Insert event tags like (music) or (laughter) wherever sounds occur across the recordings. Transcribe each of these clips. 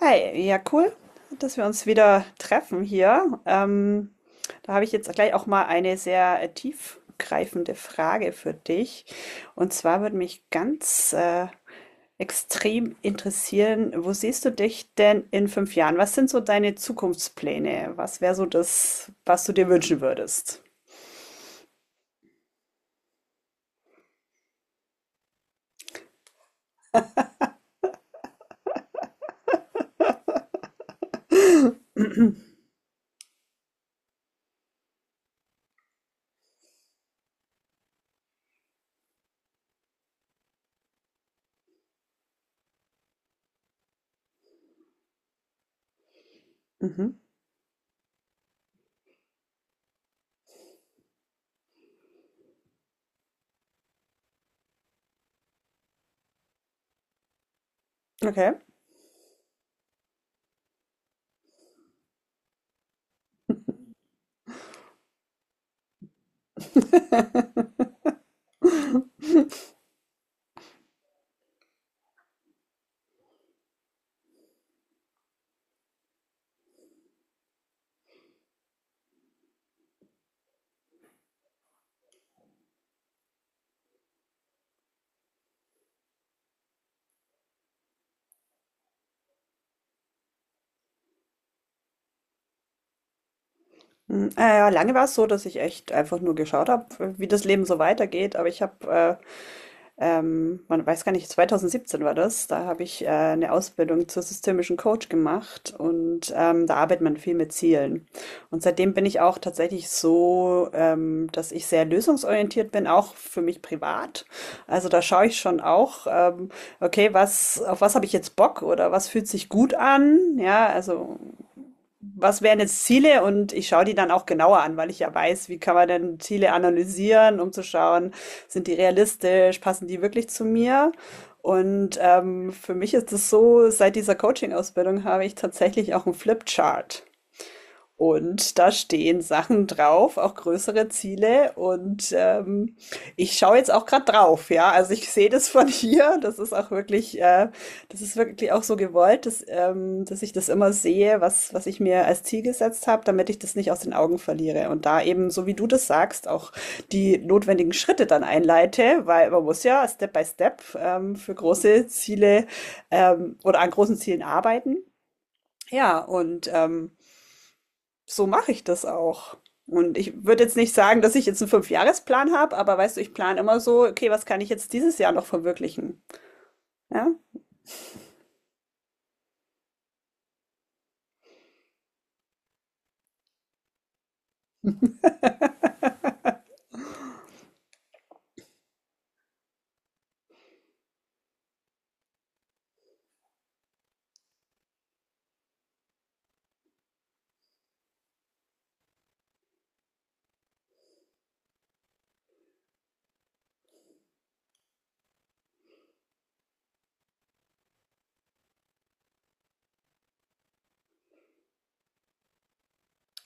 Hi, ja, cool, dass wir uns wieder treffen hier. Da habe ich jetzt gleich auch mal eine sehr tiefgreifende Frage für dich. Und zwar würde mich ganz extrem interessieren, wo siehst du dich denn in fünf Jahren? Was sind so deine Zukunftspläne? Was wäre so das, was du dir wünschen würdest? Mhm. Okay. (laughs) Ja, lange war es so, dass ich echt einfach nur geschaut habe, wie das Leben so weitergeht. Aber ich habe man weiß gar nicht, 2017 war das. Da habe ich eine Ausbildung zur systemischen Coach gemacht und da arbeitet man viel mit Zielen. Und seitdem bin ich auch tatsächlich so, dass ich sehr lösungsorientiert bin, auch für mich privat. Also da schaue ich schon auch, okay, auf was habe ich jetzt Bock oder was fühlt sich gut an? Ja, also was wären jetzt Ziele? Und ich schaue die dann auch genauer an, weil ich ja weiß, wie kann man denn Ziele analysieren, um zu schauen, sind die realistisch, passen die wirklich zu mir? Und für mich ist es so, seit dieser Coaching-Ausbildung habe ich tatsächlich auch einen Flipchart. Und da stehen Sachen drauf, auch größere Ziele. Und ich schaue jetzt auch gerade drauf, ja. Also ich sehe das von hier. Das ist auch wirklich, das ist wirklich auch so gewollt, dass ich das immer sehe, was ich mir als Ziel gesetzt habe, damit ich das nicht aus den Augen verliere. Und da eben, so wie du das sagst, auch die notwendigen Schritte dann einleite, weil man muss ja Step by Step für große Ziele oder an großen Zielen arbeiten. Ja, und ähm, so mache ich das auch. Und ich würde jetzt nicht sagen, dass ich jetzt einen Fünfjahresplan habe, aber weißt du, ich plane immer so, okay, was kann ich jetzt dieses Jahr noch verwirklichen? Ja,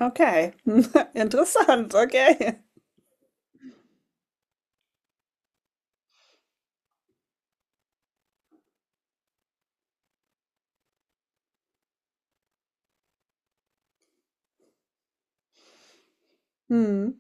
okay. (laughs) Interessant, okay. Hm.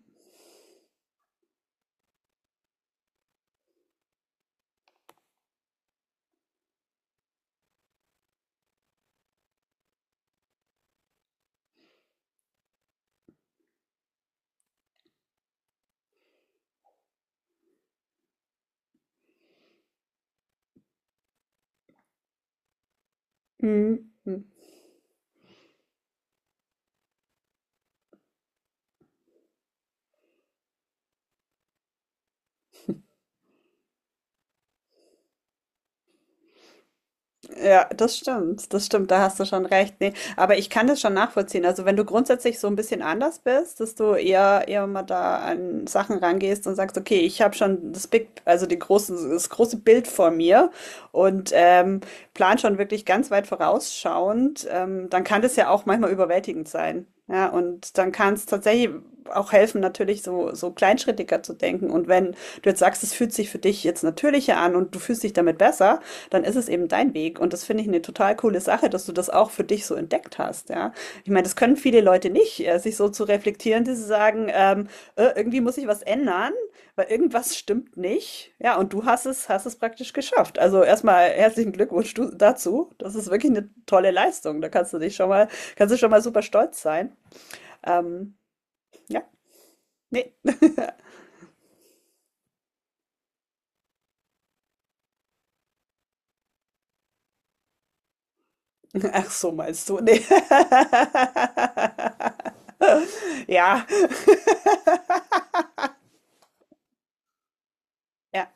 Hm. Hm. Ja, das stimmt, da hast du schon recht. Nee, aber ich kann das schon nachvollziehen. Also wenn du grundsätzlich so ein bisschen anders bist, dass du eher mal da an Sachen rangehst und sagst, okay, ich habe schon das Big, also die großen, das große Bild vor mir und plan schon wirklich ganz weit vorausschauend, dann kann das ja auch manchmal überwältigend sein. Ja, und dann kann es tatsächlich auch helfen, natürlich so, so kleinschrittiger zu denken. Und wenn du jetzt sagst, es fühlt sich für dich jetzt natürlicher an und du fühlst dich damit besser, dann ist es eben dein Weg. Und das finde ich eine total coole Sache, dass du das auch für dich so entdeckt hast. Ja? Ich meine, das können viele Leute nicht, sich so zu reflektieren, dass sie sagen, irgendwie muss ich was ändern, weil irgendwas stimmt nicht. Ja, und du hast es praktisch geschafft. Also erstmal herzlichen Glückwunsch du, dazu. Das ist wirklich eine tolle Leistung. Da kannst du dich schon mal, kannst du schon mal super stolz sein. Ähm, ja, nee. (laughs) Ach so, meinst du? Nee. (laughs) Ja. Ja.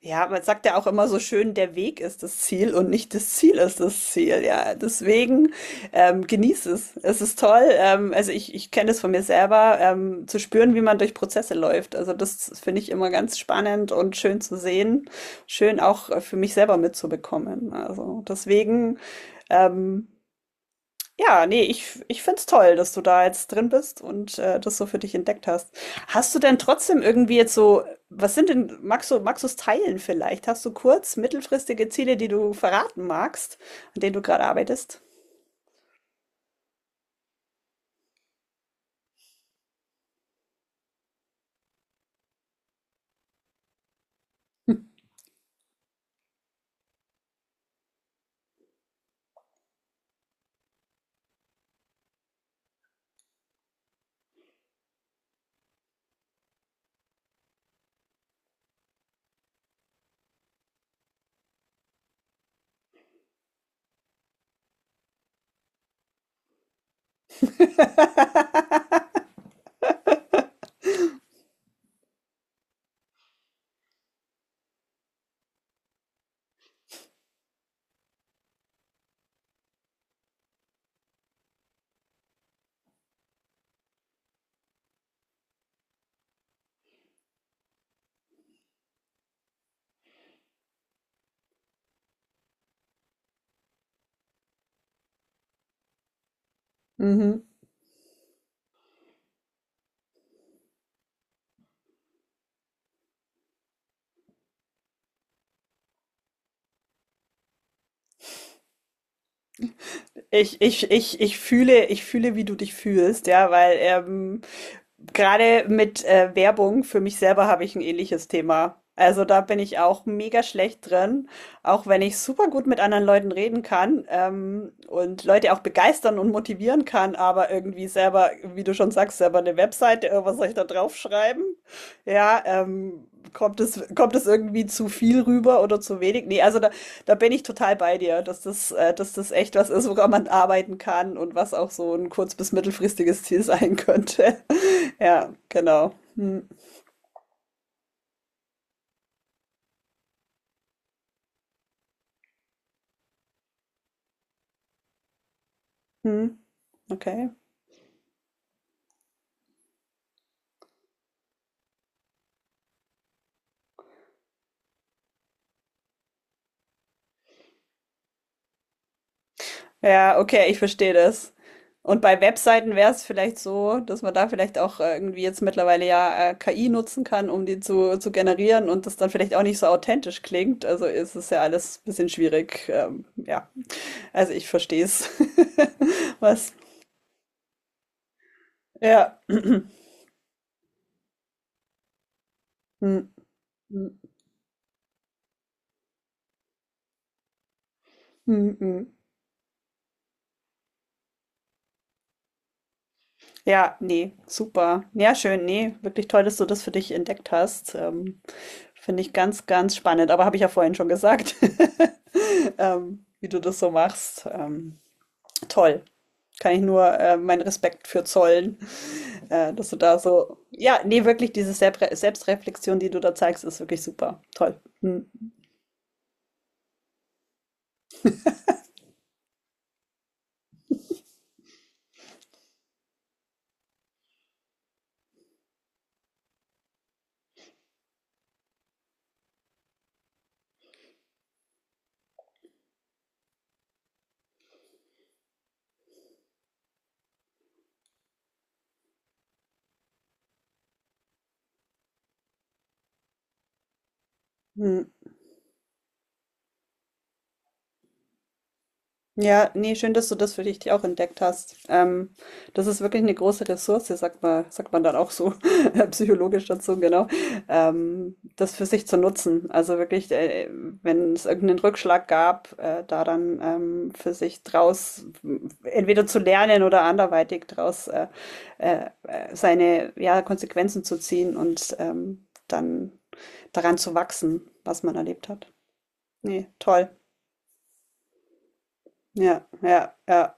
Ja, man sagt ja auch immer so schön, der Weg ist das Ziel und nicht das Ziel ist das Ziel. Ja, deswegen genieß es. Es ist toll. Ich kenne das von mir selber, zu spüren, wie man durch Prozesse läuft. Also das finde ich immer ganz spannend und schön zu sehen, schön auch für mich selber mitzubekommen. Also deswegen ähm, ja, nee, ich find's toll, dass du da jetzt drin bist und, das so für dich entdeckt hast. Hast du denn trotzdem irgendwie jetzt so was sind denn magst du's teilen vielleicht? Hast du kurz mittelfristige Ziele, die du verraten magst, an denen du gerade arbeitest? (laughs) Mhm. Ich fühle, wie du dich fühlst, ja, gerade mit Werbung, für mich selber habe ich ein ähnliches Thema. Also da bin ich auch mega schlecht drin, auch wenn ich super gut mit anderen Leuten reden kann und Leute auch begeistern und motivieren kann, aber irgendwie selber, wie du schon sagst, selber eine Webseite, was soll ich da draufschreiben? Ja, ähm, kommt es irgendwie zu viel rüber oder zu wenig? Nee, also da, da bin ich total bei dir, dass das echt was ist, woran man arbeiten kann und was auch so ein kurz- bis mittelfristiges Ziel (laughs) sein könnte. Ja, genau. Hm, okay. Ja, okay, ich verstehe das. Und bei Webseiten wäre es vielleicht so, dass man da vielleicht auch irgendwie jetzt mittlerweile ja KI nutzen kann, um zu generieren und das dann vielleicht auch nicht so authentisch klingt. Also ist es ja alles ein bisschen schwierig. Ja, also ich verstehe es. (laughs) Was? Ja. Hm, hm, hm. Ja, nee, super. Ja, schön. Nee, wirklich toll, dass du das für dich entdeckt hast. Finde ich ganz, ganz spannend, aber habe ich ja vorhin schon gesagt, (laughs) wie du das so machst. Toll. Kann ich nur meinen Respekt für zollen, (laughs) dass du da so, ja, nee, wirklich diese Selbstreflexion, die du da zeigst, ist wirklich super. Toll. Hm. Hm. Ja, nee, schön, dass du das für dich auch entdeckt hast. Das ist wirklich eine große Ressource, sagt man dann auch so, (laughs) psychologisch dazu, genau, das für sich zu nutzen. Also wirklich, wenn es irgendeinen Rückschlag gab, da dann für sich entweder zu lernen oder anderweitig draus seine ja, Konsequenzen zu ziehen und dann daran zu wachsen, was man erlebt hat. Nee, toll. Ja,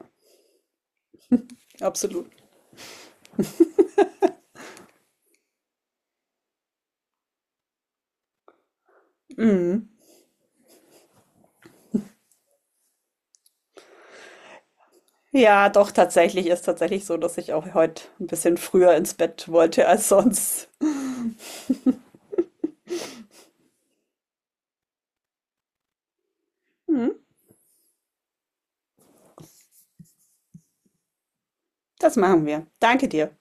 absolut. Mhm. Ja, doch, tatsächlich ist tatsächlich so, dass ich auch heute ein bisschen früher ins Bett wollte als sonst. Mhm, das machen wir. Danke dir.